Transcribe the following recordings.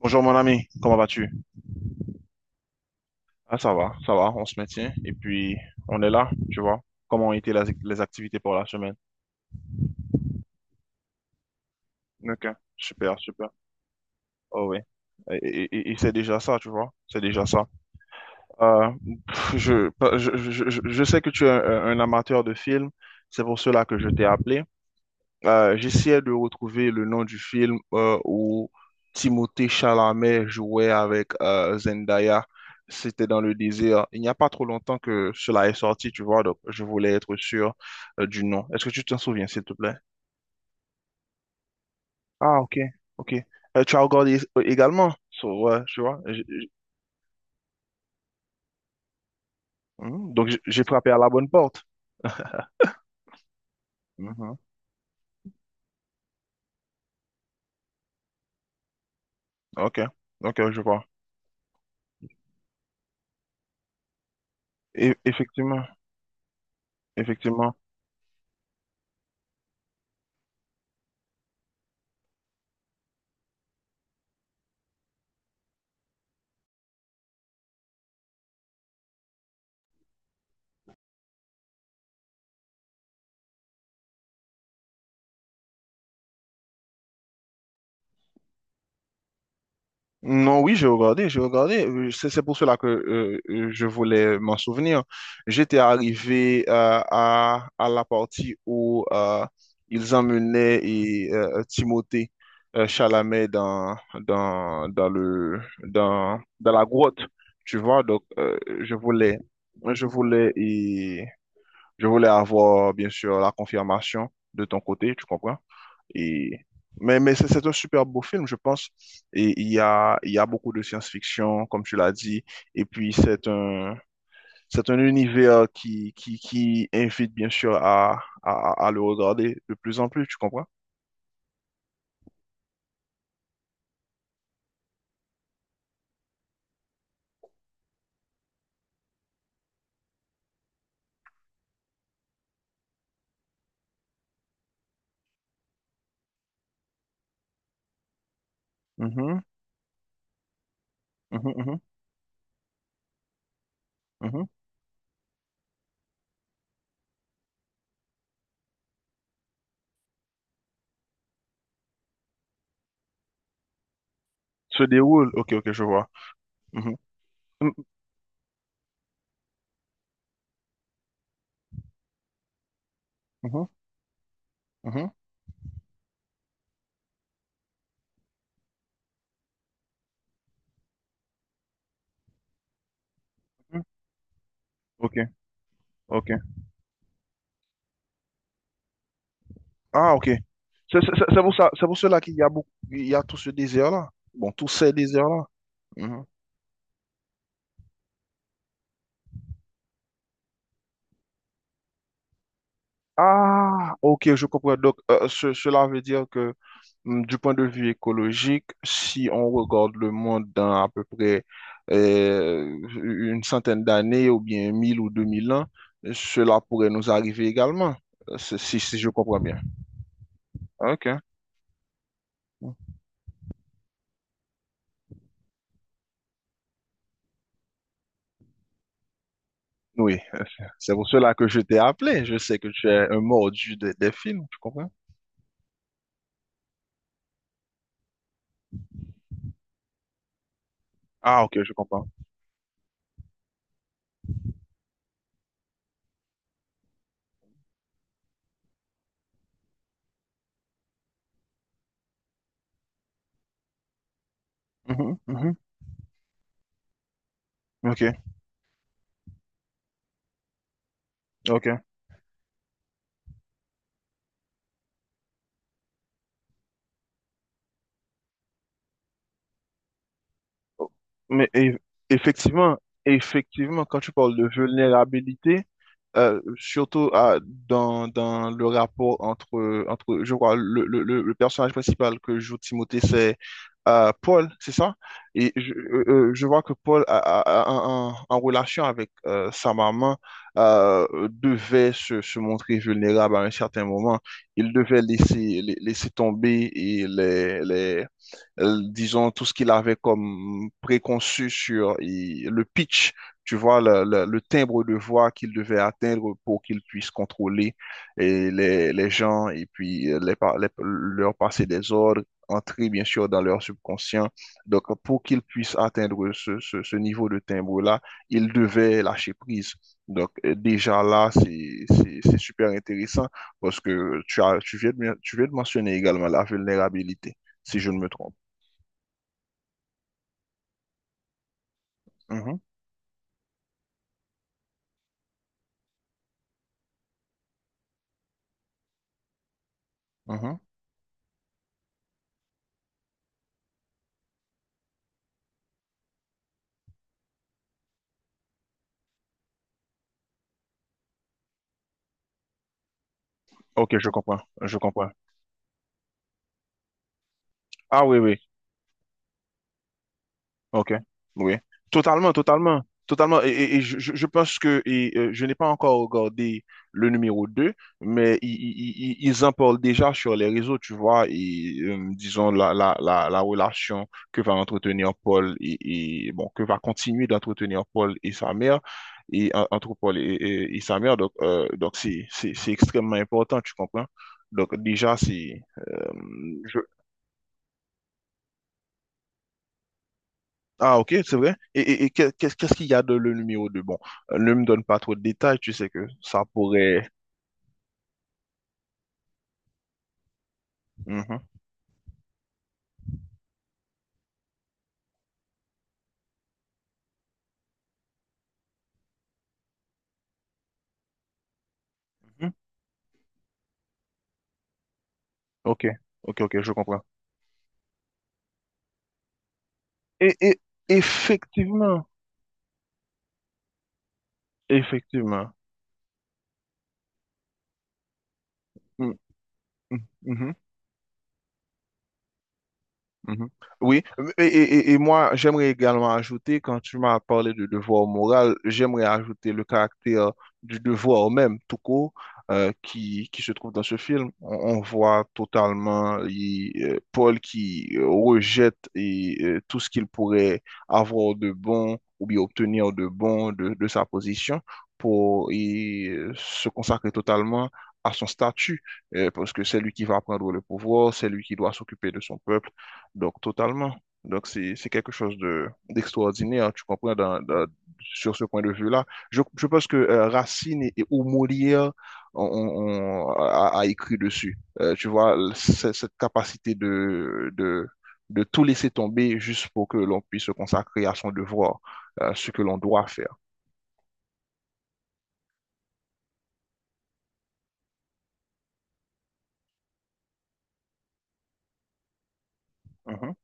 Bonjour mon ami, comment vas-tu? Ah ça va, on se maintient et puis on est là, tu vois. Comment ont été les activités pour la semaine? Ok, super, super. Oh oui. Et, et c'est déjà ça, tu vois, c'est déjà ça. Euh, pff, je sais que tu es un amateur de films, c'est pour cela que je t'ai appelé. J'essayais de retrouver le nom du film où Timothée Chalamet jouait avec Zendaya. C'était dans le désert. Il n'y a pas trop longtemps que cela est sorti, tu vois, donc je voulais être sûr du nom. Est-ce que tu t'en souviens, s'il te plaît? Ah, ok, ok. Tu as regardé également, so, ouais, tu vois. Hmm, donc j'ai frappé à la bonne porte. Mhm. Ok, ok, je vois. Et, effectivement, effectivement. Non, oui, j'ai regardé, j'ai regardé. C'est pour cela que je voulais m'en souvenir. J'étais arrivé à la partie où ils emmenaient et, Timothée Chalamet dans, dans le, dans la grotte, tu vois. Donc, je voulais, et, je voulais avoir, bien sûr, la confirmation de ton côté, tu comprends? Et... mais c'est un super beau film, je pense. Et il y a beaucoup de science-fiction, comme tu l'as dit. Et puis, c'est un univers qui invite, bien sûr, à le regarder de plus en plus, tu comprends? Mhm, mhm, mhm, mhm. Se déroule. Ok, ok, je vois. Mhm, mhm, mhm, mhm, mhm. Ok, ok. Ah, ok. C'est pour ça, c'est pour cela qu'il y a beaucoup, il y a tout ce désert-là. Bon, tous ces déserts-là. Mhm. Ah, ok, je comprends. Donc, cela veut dire que du point de vue écologique, si on regarde le monde dans à peu près une centaine d'années ou bien 1000 ou 2000 ans, cela pourrait nous arriver également, si, si je comprends bien. Ok. Oui, c'est pour cela que je t'ai appelé. Je sais que tu es un mordu des films, tu comprends? Ah, ok, je comprends. Mhm, mhm. Ok, ok. Mais eff- Effectivement, effectivement, quand tu parles de vulnérabilité, euh, surtout à- dans, dans le rapport entre, entre je crois, le personnage principal que joue Timothée, c'est Paul, c'est ça? Et je vois que Paul, en, en relation avec sa maman, devait se, se montrer vulnérable à un certain moment. Il devait laisser, laisser tomber et les, disons, tout ce qu'il avait comme préconçu sur et le pitch, tu vois, le timbre de voix qu'il devait atteindre pour qu'il puisse contrôler et les gens et puis leur passer des ordres, entrer bien sûr dans leur subconscient. Donc, pour qu'il puisse atteindre ce niveau de timbre-là, il devait lâcher prise. Donc, déjà là, c'est super intéressant parce que tu as, tu viens de mentionner également la vulnérabilité, si je ne me trompe. Mhm, mhm. Ok, je comprends, je comprends. Ah oui, oui, ok, oui. Totalement, totalement, totalement. Et je pense que je n'ai pas encore regardé le numéro 2 mais ils en parlent déjà sur les réseaux, tu vois, et disons la relation que va entretenir Paul et, bon, que va continuer d'entretenir Paul et sa mère, et entre Paul et, et sa mère. Donc c'est extrêmement important, tu comprends? Donc déjà, c'est... euh, Ah, ok, c'est vrai. Et qu'est-ce qu'il y a de le numéro 2? Bon, ne me donne pas trop de détails, tu sais que ça pourrait. Mhm, mhm. Ok, ok, ok, je comprends. Et effectivement, effectivement. Mhm, mhm, mhm. Mhm. Oui, et moi, j'aimerais également ajouter, quand tu m'as parlé de devoir moral, j'aimerais ajouter le caractère du devoir même, tout court, qui se trouve dans ce film. On voit totalement Paul qui rejette et, tout ce qu'il pourrait avoir de bon ou bien obtenir de bon de sa position pour y, se consacrer totalement à son statut, parce que c'est lui qui va prendre le pouvoir, c'est lui qui doit s'occuper de son peuple donc, totalement. Donc, c'est quelque chose de d'extraordinaire, hein, tu comprends, sur ce point de vue-là. Je pense que Racine ou Molière a écrit dessus. Tu vois, cette capacité de tout laisser tomber juste pour que l'on puisse se consacrer à son devoir, à ce que l'on doit faire. Mhm.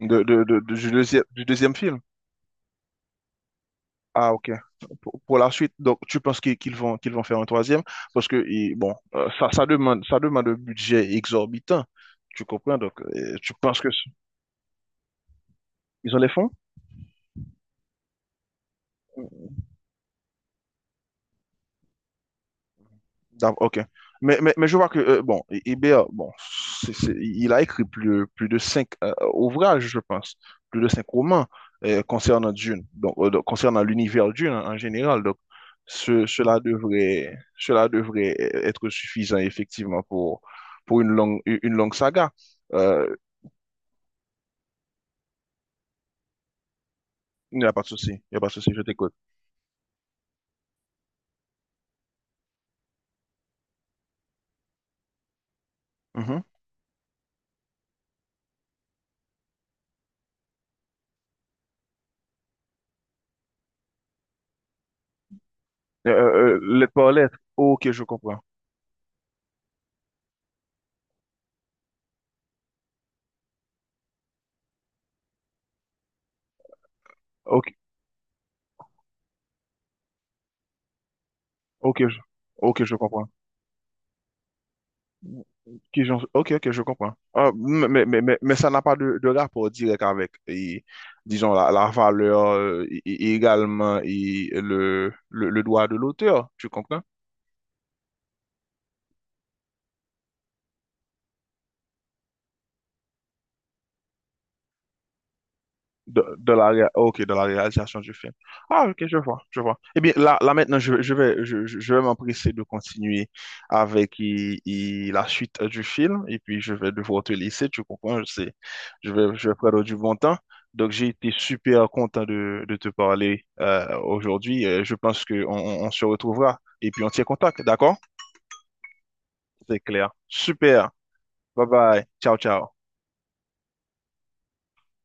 Du deuxième, du deuxième film. Ah, ok. Pour la suite, donc tu penses qu'ils vont faire un troisième? Parce que, bon, ça, ça demande un budget exorbitant. Tu comprends? Donc, tu penses que ils ont les fonds? D'ac- Ok. Mais je vois que, bon, Ibea, bon, il a écrit plus de cinq ouvrages, je pense, plus de cinq romans concernant Dune, donc, concernant l'univers Dune en, en général. Donc, cela devrait être suffisant, effectivement, pour une longue saga. Euh, il n'y a pas de souci, il n'y a pas de souci, je t'écoute. Mhm. Lettre par lettre, ok, je comprends. Ok, ok, ok, je comprends. Ok, ok, je comprends. Ah, mais ça n'a pas de, de rapport direct avec, et, disons, la valeur et également et le droit de l'auteur, tu comprends? Oh, ok, de la réalisation du film. Ah, ok, je vois, je vois. Eh bien, là, là maintenant, je vais m'empresser de continuer avec la suite du film et puis je vais devoir te laisser, tu comprends, je sais. Je vais prendre du bon temps. Donc, j'ai été super content de te parler aujourd'hui. Je pense qu'on on se retrouvera et puis on tient contact, d'accord? C'est clair. Super. Bye bye. Ciao, ciao.